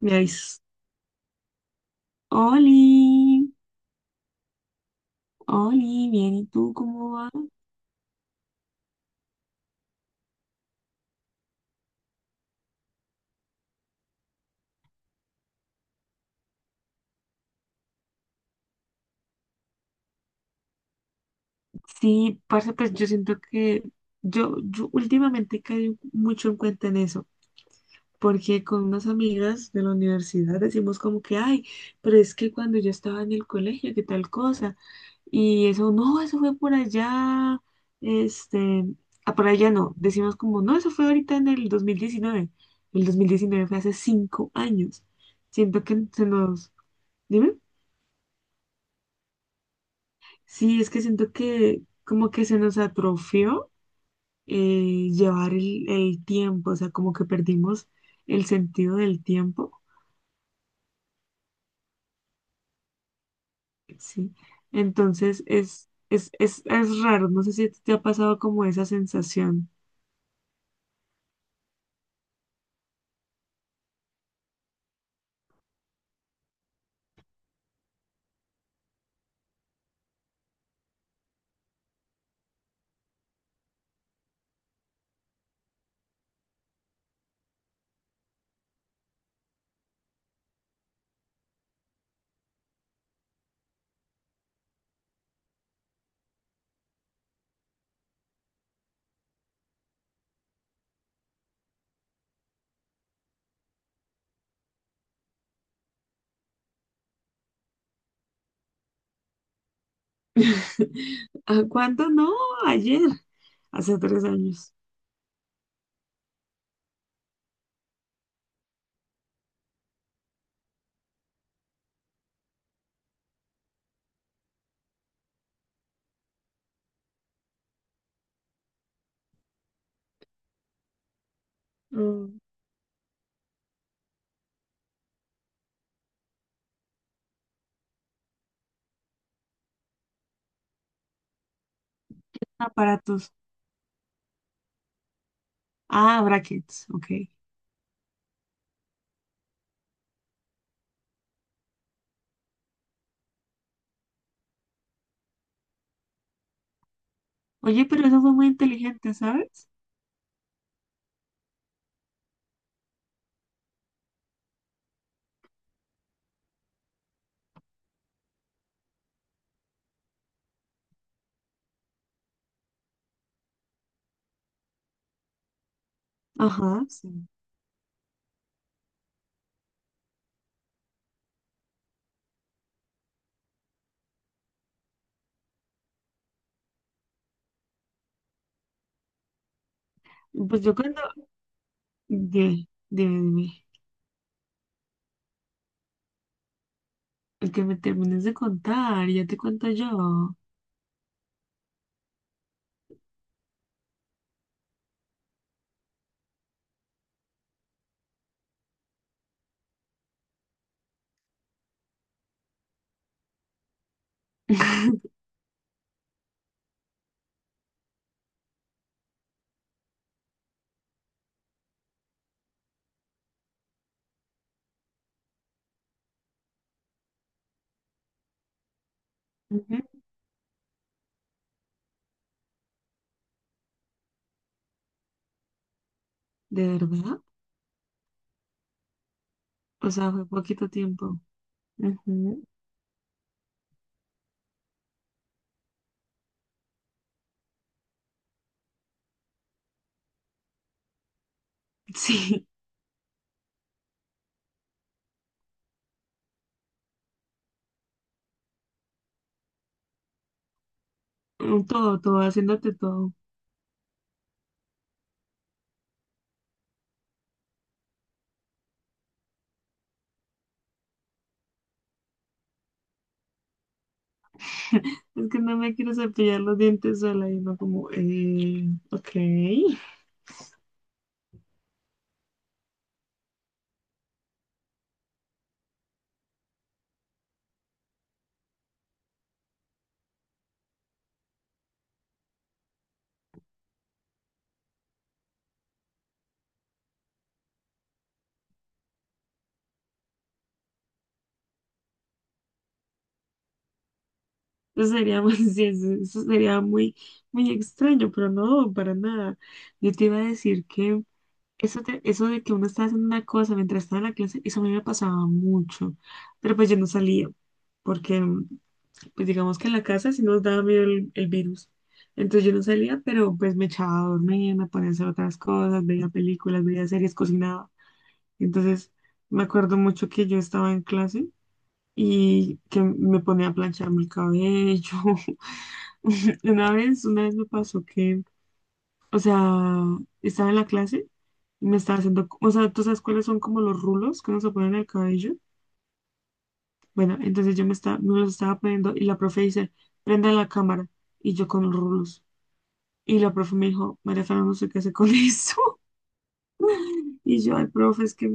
Me avisas, Oli. Oli, bien, ¿y tú cómo vas? Sí, parce, pues yo siento que yo últimamente caí mucho en cuenta en eso, porque con unas amigas de la universidad decimos como que, ay, pero es que cuando yo estaba en el colegio, qué tal cosa, y eso, no, eso fue por allá, este, ah, por allá no, decimos como, no, eso fue ahorita en el 2019. El 2019 fue hace 5 años. Siento que se nos. Dime. Sí, es que siento que como que se nos atrofió, llevar el tiempo, o sea, como que perdimos el sentido del tiempo, ¿sí? Entonces es raro, no sé si te ha pasado como esa sensación. ¿A cuánto? No, ayer, hace 3 años. Mm. Aparatos. Ah, brackets, ok. Oye, pero eso fue muy inteligente, ¿sabes? Ajá, sí. Pues yo cuando. Dime, dime, dime. Es que me termines de contar, ya te cuento yo. Ujú. ¿De verdad? O sea, fue poquito tiempo. Ujú. Sí. Todo, todo, haciéndote todo. Es que no me quiero cepillar los dientes sola y no como, ok. Eso sería. Sí, eso sería muy, muy extraño, pero no, para nada. Yo te iba a decir que eso de que uno está haciendo una cosa mientras está en la clase. Eso a mí me pasaba mucho. Pero pues yo no salía, porque pues digamos que en la casa sí nos daba miedo el virus. Entonces yo no salía, pero pues me echaba a dormir, me ponía a hacer otras cosas, veía películas, veía series, cocinaba. Entonces me acuerdo mucho que yo estaba en clase y que me ponía a plancharme el cabello. Una vez me pasó que, o sea, estaba en la clase y me estaba haciendo, o sea, ¿tú sabes cuáles son como los rulos que uno se ponen en el cabello? Bueno, entonces me los estaba poniendo y la profe dice, prenda la cámara. Y yo con los rulos. Y la profe me dijo, María Fernanda, no sé qué hace con eso. Y yo, ay, profe, es que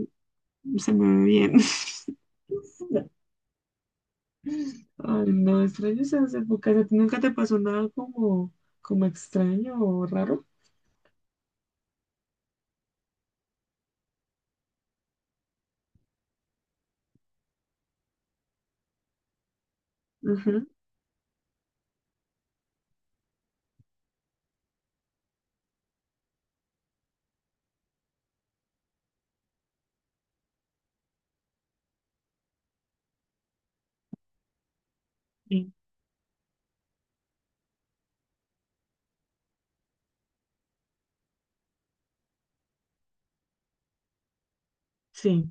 se me ve bien. Ay, no, extraño esas épocas. ¿A ti nunca te pasó nada como, como extraño o raro? Ujú. Sí. Sí.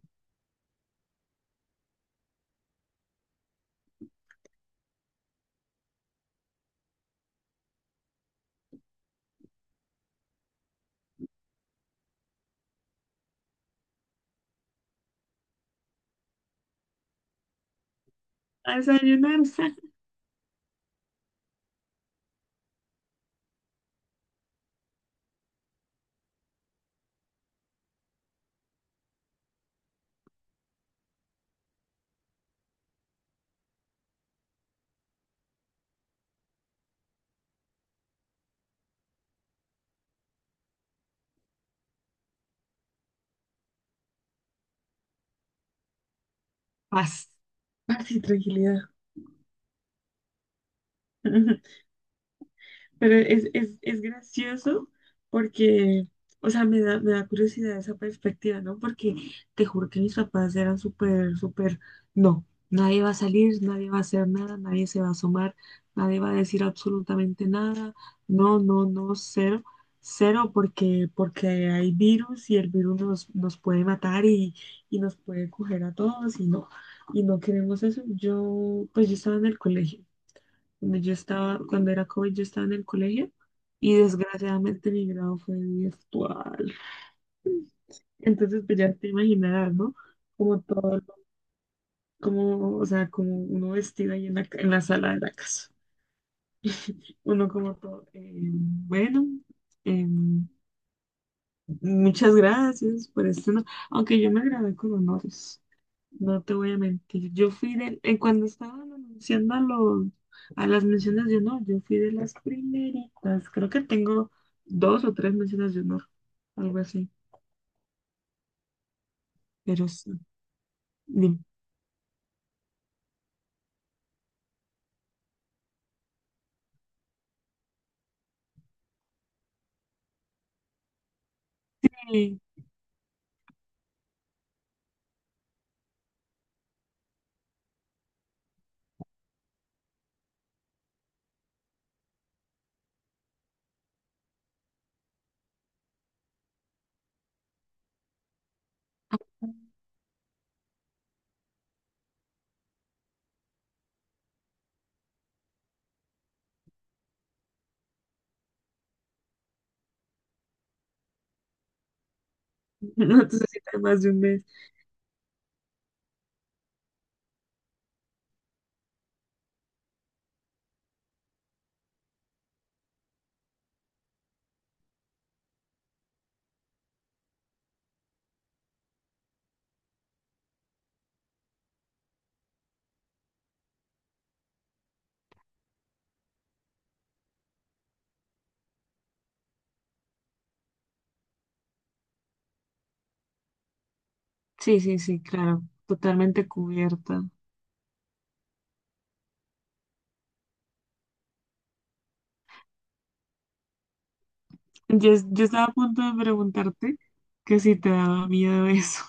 A desayunar. Paz. Paz y tranquilidad. Pero es gracioso porque, o sea, me da curiosidad esa perspectiva, ¿no? Porque te juro que mis papás eran súper, súper, no, nadie va a salir, nadie va a hacer nada, nadie se va a asomar, nadie va a decir absolutamente nada, no, no, no, cero, cero, porque, porque hay virus y el virus nos puede matar, y nos puede coger a todos y no queremos eso. Pues yo estaba en el colegio. Cuando era COVID, yo estaba en el colegio y desgraciadamente mi grado fue virtual. Entonces, pues ya te imaginarás, ¿no? Como todo, como, o sea, como uno vestido ahí en la, en la sala de la casa. Uno como todo, bueno. em, Muchas gracias por este honor. Aunque yo me grabé con honores, no te voy a mentir. Yo fui en cuando estaban anunciando a las menciones de honor, yo fui de las primeritas. Creo que tengo dos o tres menciones de honor, algo así. Pero sí, dime. Sí. No necesitas más de un mes. Sí, sí, sí, claro, totalmente cubierta. Yo estaba a punto de preguntarte que si te daba miedo eso.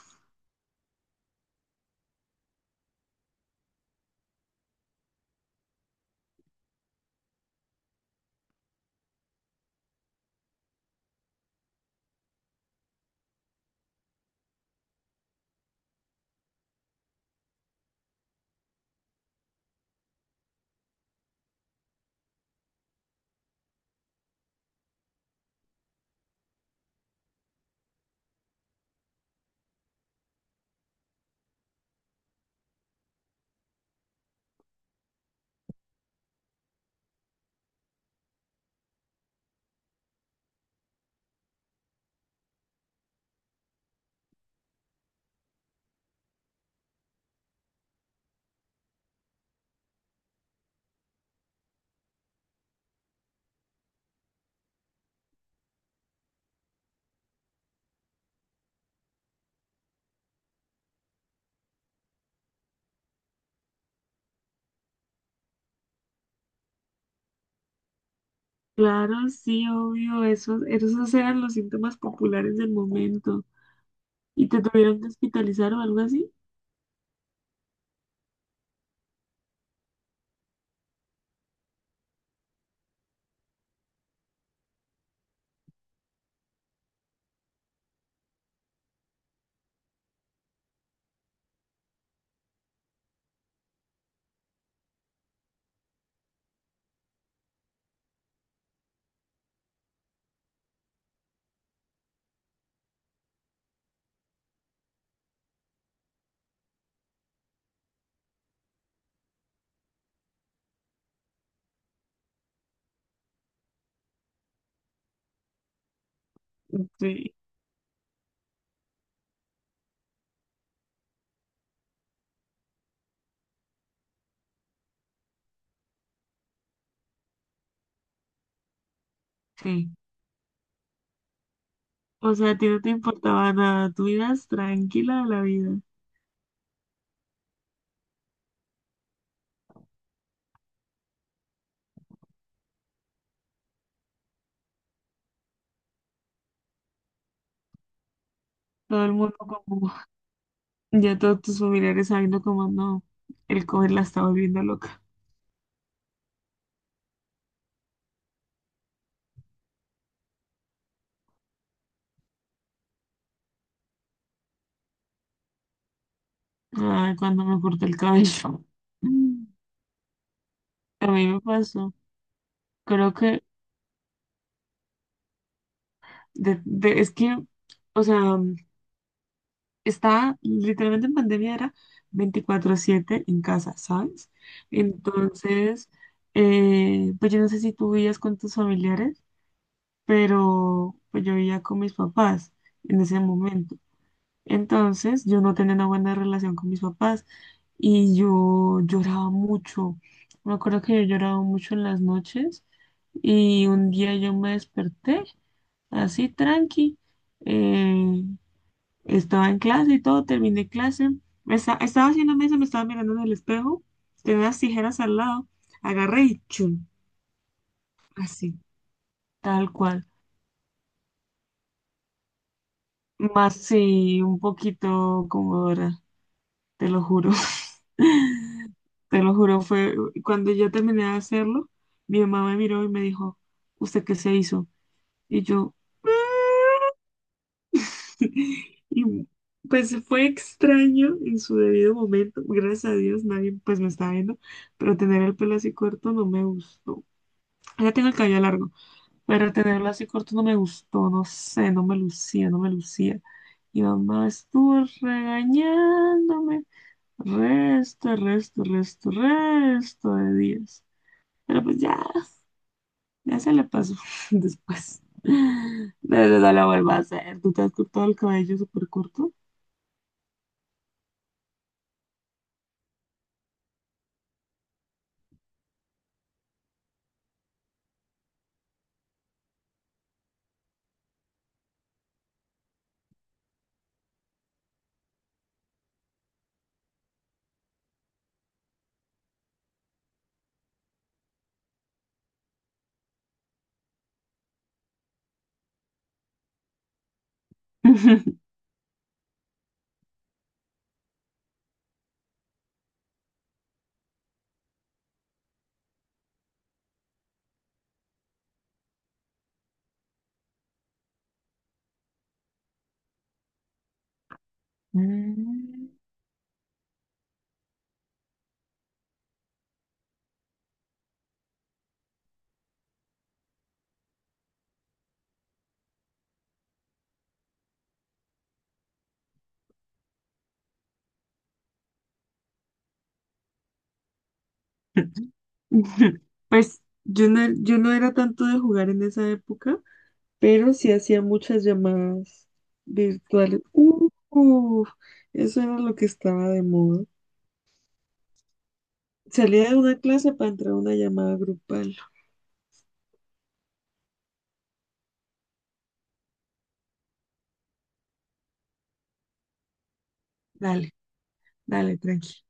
Claro, sí, obvio, esos eran los síntomas populares del momento. ¿Y te tuvieron que hospitalizar o algo así? Sí, sí. O sea, a ti no te importaba nada, tú ibas tranquila a la vida. Todo el mundo como, ya todos tus familiares sabiendo como, no, el COVID la estaba volviendo loca. Ay, cuando me corté el cabello. Mm. A mí me pasó. Creo que, es que, o sea, estaba literalmente en pandemia, era 24/7 en casa, ¿sabes? Entonces, pues yo no sé si tú vivías con tus familiares, pero pues yo vivía con mis papás en ese momento. Entonces, yo no tenía una buena relación con mis papás y yo lloraba mucho. Me acuerdo que yo lloraba mucho en las noches y un día yo me desperté así tranqui. eh, estaba en clase y todo, terminé clase. Me estaba haciendo mesa, me estaba mirando en el espejo. Tenía las tijeras al lado. Agarré y chun, así, tal cual. Más sí, un poquito conmovedora, te lo juro. Te lo juro, fue cuando yo terminé de hacerlo, mi mamá me miró y me dijo, ¿usted qué se hizo? Y yo, y pues fue extraño en su debido momento. Gracias a Dios nadie pues me está viendo, pero tener el pelo así corto no me gustó. Ya tengo el cabello largo, pero tenerlo así corto no me gustó, no sé, no me lucía, no me lucía. Y mamá estuvo regañándome resto, resto, resto, resto de días. Pero pues ya, ya se le pasó después. De verdad no lo vuelvo a hacer. ¿Tú te has cortado el cabello súper corto? Mm. Pues yo no, era tanto de jugar en esa época, pero sí hacía muchas llamadas virtuales. Uf, eso era lo que estaba de moda. Salía de una clase para entrar a una llamada grupal. Dale, dale, tranqui.